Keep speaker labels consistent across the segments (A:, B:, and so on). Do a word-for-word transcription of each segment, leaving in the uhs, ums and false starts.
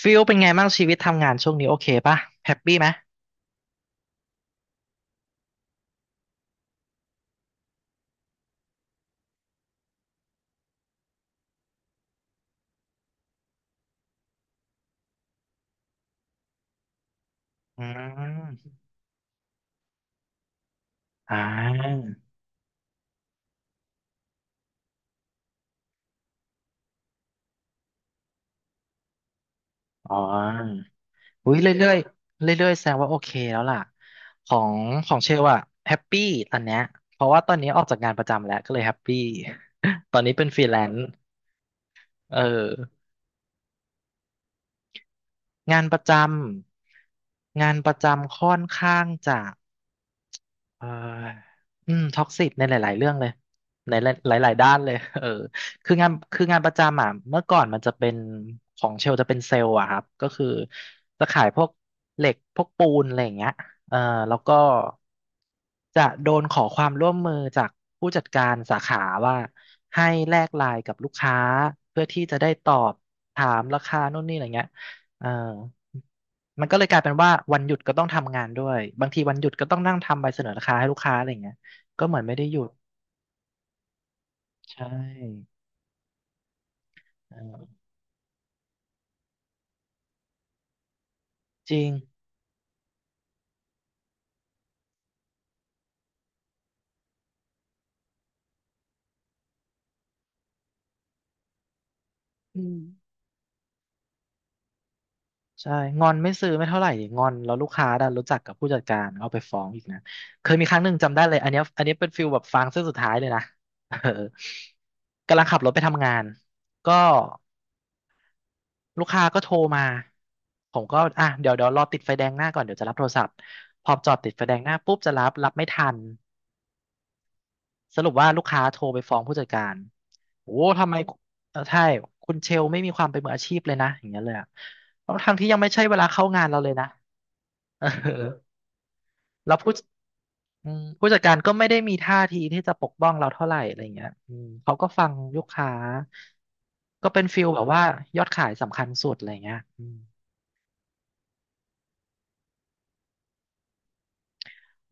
A: ฟิลเป็นไงบ้างชีวิตทำงานช่วงนี้โอเคป่ะแฮปปี้ไหมอืมอ่าอ๋ออุ้ยเรื่อยๆเรื่อยๆแสดงว่าโอเคแล้วล่ะของของเชลอะแฮปปี้ตอนเนี้ยเพราะว่าตอนนี้ออกจากงานประจำแล้วก็เลยแฮปปี้ ตอนนี้เป็นฟรีแลนซ์เอองานประจำงานประจำค่อนข้างจะ เอ่ออืม ท็อกซิกในหลายๆเรื่องเลยในหลายๆด้านเลย เออคืองานคืองานประจำอ่ะเมื่อก่อนมันจะเป็นของเชลจะเป็นเซลล์อะครับ ก็คือจะขายพวกเหล็กพวกปูนอะไรอย่างเงี้ยเออแล้วก็จะโดนขอความร่วมมือจากผู้จัดการสาขาว่าให้แลกไลน์กับลูกค้าเพื่อที่จะได้ตอบถามราคานู่นนี่อะไรเงี้ยเออ มันก็เลยกลายเป็นว่าวันหยุดก็ต้องทำงานด้วยบางทีวันหยุดก็ต้องนั่งทำใบเสนอราคาให้ลูกค้าอะไรอย่างเงี้ยก็เหมือนไม่ได้หยุดใช่เออจริงอืมใช่งอนไม่ซื้อไม่เท่าไหร่งอนแล้วลูกค้าดันรู้จักกับผู้จัดการเอาไปฟ้องอีกนะเคยมีครั้งหนึ่งจำได้เลยอันเนี้ยอันนี้เป็นฟิลแบบฟางเส้นสุดท้ายเลยนะ เออกำลังขับรถไปทำงานก็ลูกค้าก็โทรมาผมก็อ่ะเดี๋ยวเดี๋ยวรอติดไฟแดงหน้าก่อนเดี๋ยวจะรับโทรศัพท์พอจอดติดไฟแดงหน้าปุ๊บจะรับรับไม่ทัน สรุปว่าลูกค้าโทรไปฟ้องผู้จัดการโอ้ทำไมเออใช่คุณเชลไม่มีความเป็นมืออาชีพเลยนะอย่างเงี้ยเลยอะทั้วทางที่ยังไม่ใช่เวลาเข้างานเราเลยนะ เออแล้วผู้อืมผู้จัดการก็ไม่ได้มีท่าทีที่จะปกป้องเราเท่าไหร่อะไรเงี้ยอืมเขาก็ฟังลูกค้า ก็เป็นฟิลแบบว่ายอดขายสำคัญสุดอะไรเงี้ยอืม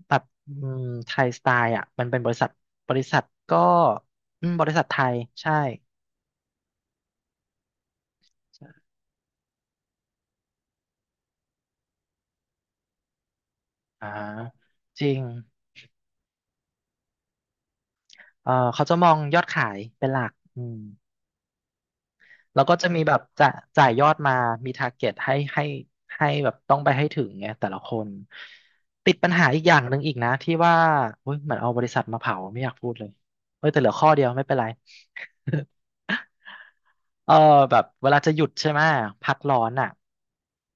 A: แบบอืมไทยสไตล์อ่ะมันเป็นบริษัทบริษัทก็อืมบริษัทไทยใช่อ่าจริง เออเขาจะมองยอดขายเป็นหลักอืมแล้วก็จะมีแบบจะจ่ายยอดมามีทาร์เก็ตให้ให้ให้แบบต้องไปให้ถึงไงแต่ละคน ติดปัญหาอีกอย่างหนึ่งอีกนะที่ว่าเฮ้ยเหมือนเอาบริษัทมาเผาไม่อยากพูดเลย เฮ้ยแต่เหลือข้อเดียวไม่เป็นไร เออแบบเวลาจะหยุดใช่ไหมพักร้อนอ่ะ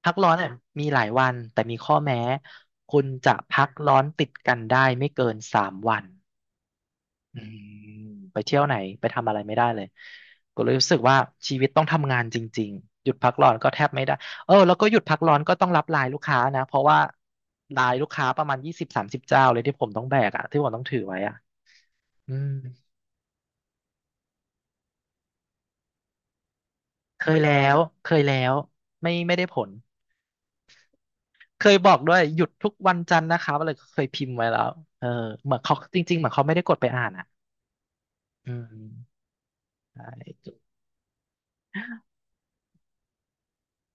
A: พักร้อนอ่ะมีหลายวันแต่มีข้อแม้คุณจะพักร้อนติดกันได้ไม่เกินสามวัน อืมไปเที่ยวไหนไปทำอะไรไม่ได้เลยก็เลยรู้สึกว่าชีวิตต้องทำงานจริงๆหยุดพักร้อนก็แทบไม่ได้เออแล้วก็หยุดพักร้อนก็ต้องรับไลน์ลูกค้านะเพราะว่าไลน์ลูกค้าประมาณยี่สิบสามสิบเจ้าเลยที่ผมต้องแบกอะที่ผมต้องถือไว้อะอืมเคยแล้วเคยแล้วไม่ไม่ได้ผลเคยบอกด้วยหยุดทุกวันจันทร์นะคะอะไรก็เคยพิมพ์ไว้แล้วเออเหมือนเขาจริงๆเหมือนเขาไม่ได้กดไปอ่านอ่ะอืมใช่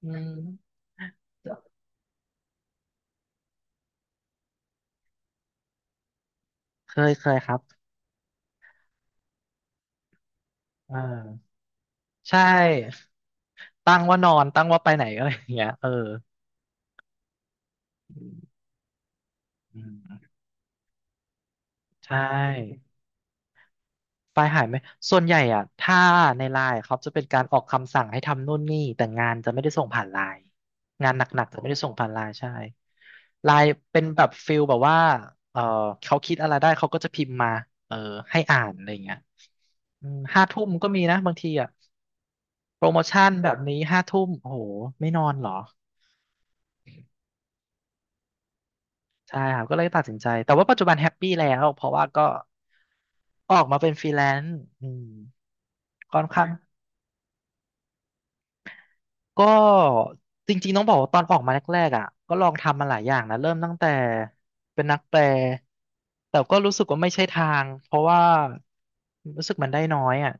A: อืมเคยเคยครับเอ่าใช่ ตั้งว่านอนตั้งว่าไปไหนอะไรอย่างเงี้ยเอออืมใช่ไฟล์หายไหมส่วนใหญ่อ่ะถ้าในไลน์เขาจะเป็นการออกคำสั่งให้ทำนู่นนี่แต่งานจะไม่ได้ส่งผ่านไลน์งานหนักๆจะไม่ได้ส่งผ่านไลน์ใช่ไลน์เป็นแบบฟิลแบบว่าเออเขาคิดอะไรได้เขาก็จะพิมพ์มาเออให้อ่านอะไรอย่างเงี้ยห้าทุ่มห้าทุ่มก็มีนะบางทีอ่ะโปรโมชั่นแบบนี้ห้าทุ่มโอ้โหไม่นอนเหรอ ใช่ครับก็เลยตัดสินใจแต่ว่าปัจจุบันแฮปปี้แล้วเพราะว่าก็ออกมาเป็นฟรีแลนซ์อืมค่อนข้างก็จริงๆต้องบอกว่าตอนออกมาแรกๆอ่ะก็ลองทำมาหลายอย่างนะเริ่มตั้งแต่เป็นนักแปลแต่ก็รู้สึกว่าไม่ใช่ทางเพราะว่ารู้สึกมันได้น้อยอ่ะ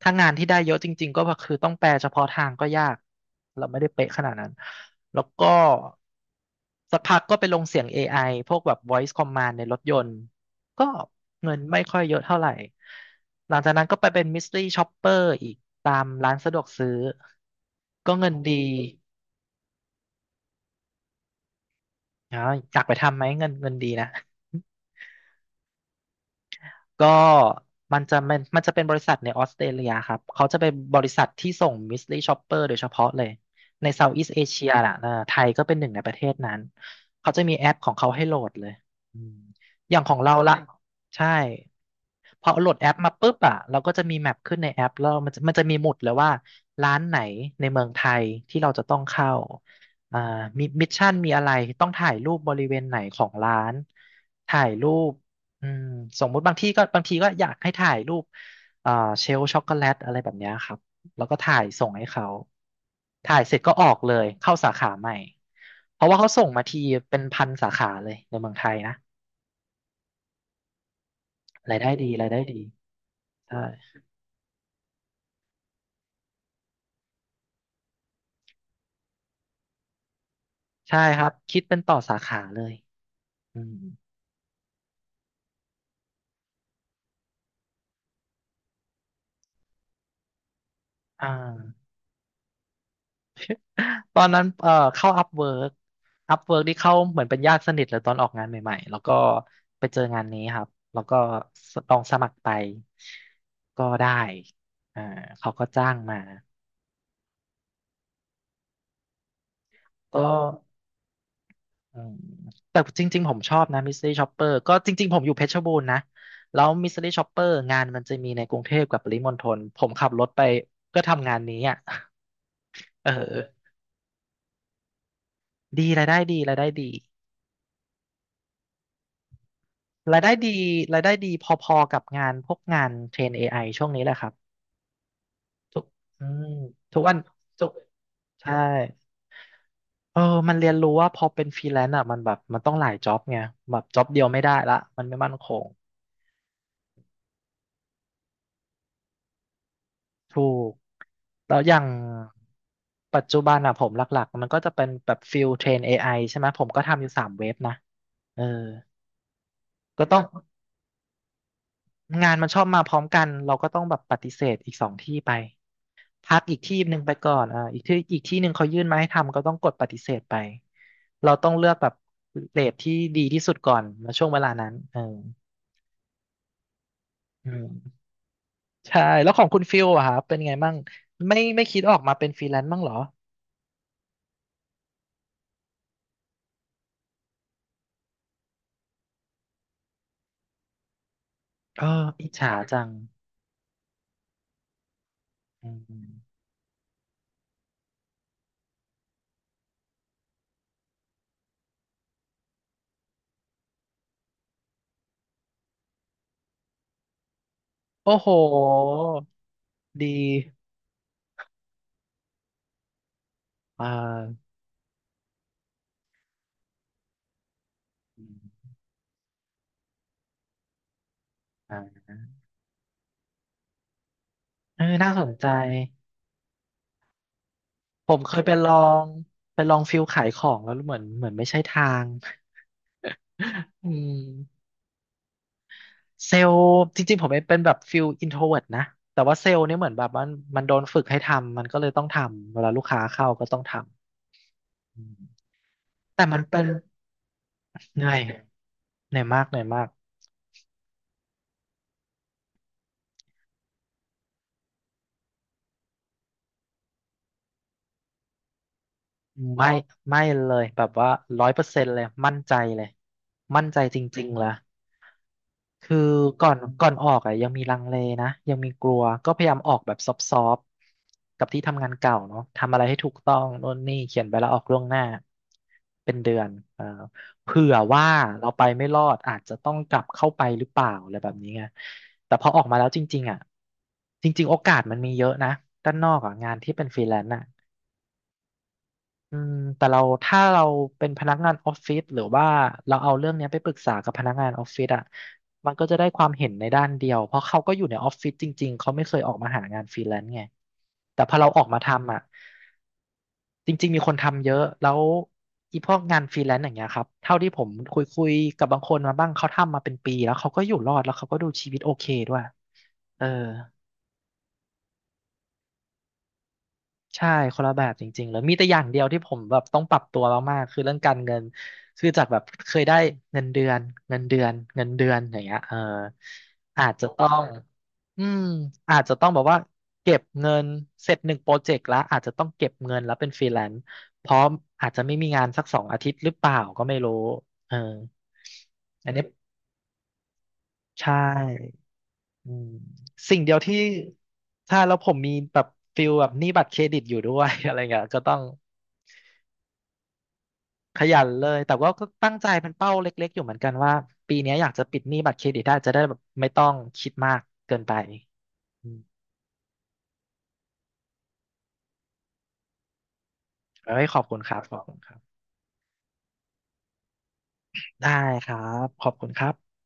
A: ถ้างานที่ได้เยอะจริงๆก็คือต้องแปลเฉพาะทางก็ยากเราไม่ได้เป๊ะขนาดนั้นแล้วก็สักพักก็ไปลงเสียง a อไอพวกแบบ voice command ในรถยนต์ ก็เงินไม่ค่อยเยอะเท่าไหร่ หลังจากนั้นก็ไปเป็นมิส t รี s ช็อปเปอร์อีกตามร้านสะดวกซื้อ ก็เงินดีอ๋ออยากไปทำไหมเงินเงินดีนะ ก็มันจะมันมันจะเป็นบริษัทในออสเตรเลียครับเขาจะเป็นบริษัทที่ส่งมิสลี y ช็อปเปอร์โดยเฉพาะเลยในเซาท์อีส t เอเชียน่ะเออไทยก็เป็นหนึ่งในประเทศนั้นเขาจะมีแอปของเขาให้โหลดเลยอืมอย่างของเราละใช่พอโหลดแอปมาปุ๊บอ่ะเราก็จะมีแมปขึ้นในแอปแล้วมันจะมันจะมีหมุดเลยว่าร้านไหนในเมืองไทยที่เราจะต้องเข้าอ่ามีมิชชั่นมีอะไรต้องถ่ายรูปบริเวณไหนของร้านถ่ายรูป อืมสมมุติบางที่ก็บางทีก็อยากให้ถ่ายรูปอ่าเชลช็อกโกแลตอะไรแบบเนี้ยครับแล้วก็ถ่ายส่งให้เขาถ่ายเสร็จก็ออกเลยเข้าสาขาใหม่เพราะว่าเขาส่งมาทีเป็นพันสาขาเลยในเมืองไทยนะรายได้ดีรายได้ดีใช่ใช่ครับคิดเป็นต่อสาขาเลยอืมอ่า ตอนนั้นเอ่อเข้าอัพเวิร์กอัพเวิร์กที่เข้าเหมือนเป็นญาติสนิทเลยตอนออกงานใหม่ๆแล้วก็ไปเจองานนี้ครับแล้วก็ลองสมัครไปก็ได้อ่าเขาก็จ้างมาก็อืมแต่จริงๆผมชอบนะมิสซิลี่ช็อปเปอร์ก็จริงๆผมอยู่เพชรบูรณ์นะแล้วมิสซ e r ี่ช็อปเปอร์งานมันจะมีในกรุงเทพกับปริมณฑลผมขับรถไปเพื่อทำงานนี้อ่ะ เออดีรายได้ดีรายได้ดี รายได้ดีรายได้ดีพอๆกับงานพวกงานเทรน เอ ไอ ช่วงนี้แหละครับทุกอืมทุกวันทุกใช่เออมันเรียนรู้ว่าพอเป็นฟรีแลนซ์อ่ะมันแบบมันต้องหลายจ็อบไงแบบจ็อบเดียวไม่ได้ละมันไม่มั่นคงถูกแล้วอย่างปัจจุบันอ่ะผมหลักๆมันก็จะเป็นแบบฟิลเทรน เอ ไอ ใช่ไหมผมก็ทำอยู่สามเว็บนะเออก็ต้องงานมันชอบมาพร้อมกันเราก็ต้องแบบปฏิเสธอีกสองที่ไป พักอีกที่หนึ่งไปก่อนอ่าอีกที่อีกที่หนึ่งเขายื่นมาให้ทำก็ต้องกดปฏิเสธไปเราต้องเลือกแบบเรทที่ดีที่สุดก่อนมาช่วงเวลานั้นเอออืมใช่แล้วของคุณฟิลอะครับเป็นไงบ้างไม่ไม่คิดออกมาเป็นฟรีแลนซ์บ้างเหรอเอออิจฉาจังอืมโอ้โหดีอ่าอืมอ่าเออน่าสนใจผมเคยไปลองไปลองฟิลขายของแล้วเหมือนเหมือนไม่ใช่ทาง อืม เซลล์จริงๆผมเป็นแบบฟิลอินโทรเวิร์ตนะแต่ว่าเซลล์เนี่ยเหมือนแบบมันมันโดนฝึกให้ทำมันก็เลยต้องทำเวลาลูกค้าเข้าก็ต้องทำอืมแต่มันเป็นเหนื่อยเหนื่อยมากเหนื่อยมากไม่ไม่เลยแบบว่าร้อยเปอร์เซ็นต์เลยมั่นใจเลยมั่นใจจริงๆเลย คือก่อนก่อนออกอ่ะยังมีลังเลนะยังมีกลัวก็พยายามออกแบบซอฟต์ๆกับที่ทำงานเก่าเนาะทำอะไรให้ถูกต้องโน่นนี่เขียนใบลาออกล่วงหน้าเป็นเดือนเออเผื่อว่าเราไปไม่รอดอาจจะต้องกลับเข้าไปหรือเปล่าอะไรแบบนี้ไงแต่พอออกมาแล้วจริงๆอ่ะจริงๆโอกาสมันมีเยอะนะด้านนอกอ่ะงานที่เป็นฟรีแลนซ์อ่ะ อืมแต่เราถ้าเราเป็นพนักงานออฟฟิศหรือว่าเราเอาเรื่องเนี้ยไปปรึกษากับพนักงานออฟฟิศอ่ะมันก็จะได้ความเห็นในด้านเดียวเพราะเขาก็อยู่ในออฟฟิศจริงๆเขาไม่เคยออกมาหางานฟรีแลนซ์ไงแต่พอเราออกมาทำอ่ะจริงๆมีคนทำเยอะแล้วอีพวกงานฟรีแลนซ์อย่างเงี้ยครับเท่าที่ผมคุยคุยกับบางคนมาบ้างเขาทำมาเป็นปีแล้วเขาก็อยู่รอดแล้วเขาก็ดูชีวิตโอเคด้วยเออ ใช่คนละแบบจริงๆเลยมีแต่อย่างเดียวที่ผมแบบต้องปรับตัวมากๆคือเรื่องการเงินคือจากแบบเคยได้เงินเดือนเงินเดือนเงินเดือนอย่างเงี้ยเอออาจจะต้องอืมอาจจะต้องแบบว่าเก็บเงินเสร็จหนึ่งโปรเจกต์แล้วอาจจะต้องเก็บเงินแล้วเป็นฟรีแลนซ์เพราะอาจจะไม่มีงานสักสองอาทิตย์หรือเปล่าก็ไม่รู้เอออันนี้ใช่อืมสิ่งเดียวที่ถ้าแล้วผมมีแบบฟิลแบบหนี้บัตรเครดิตอยู่ด้วย อะไรเงี้ยก็ต้อง ขยันเลย แต่ว่าก็ตั้งใจเป็นเป้าเล็กๆอยู่เหมือนกันว่าปีเนี้ยอยากจะปิดหนี้บัตรเครดิตได้จะได้แบบไม่ต้องคิดมากเกินไปอืมไว้ขอบคุณครับขอบคุณครับ ได้ครับ ขอบคุณครับ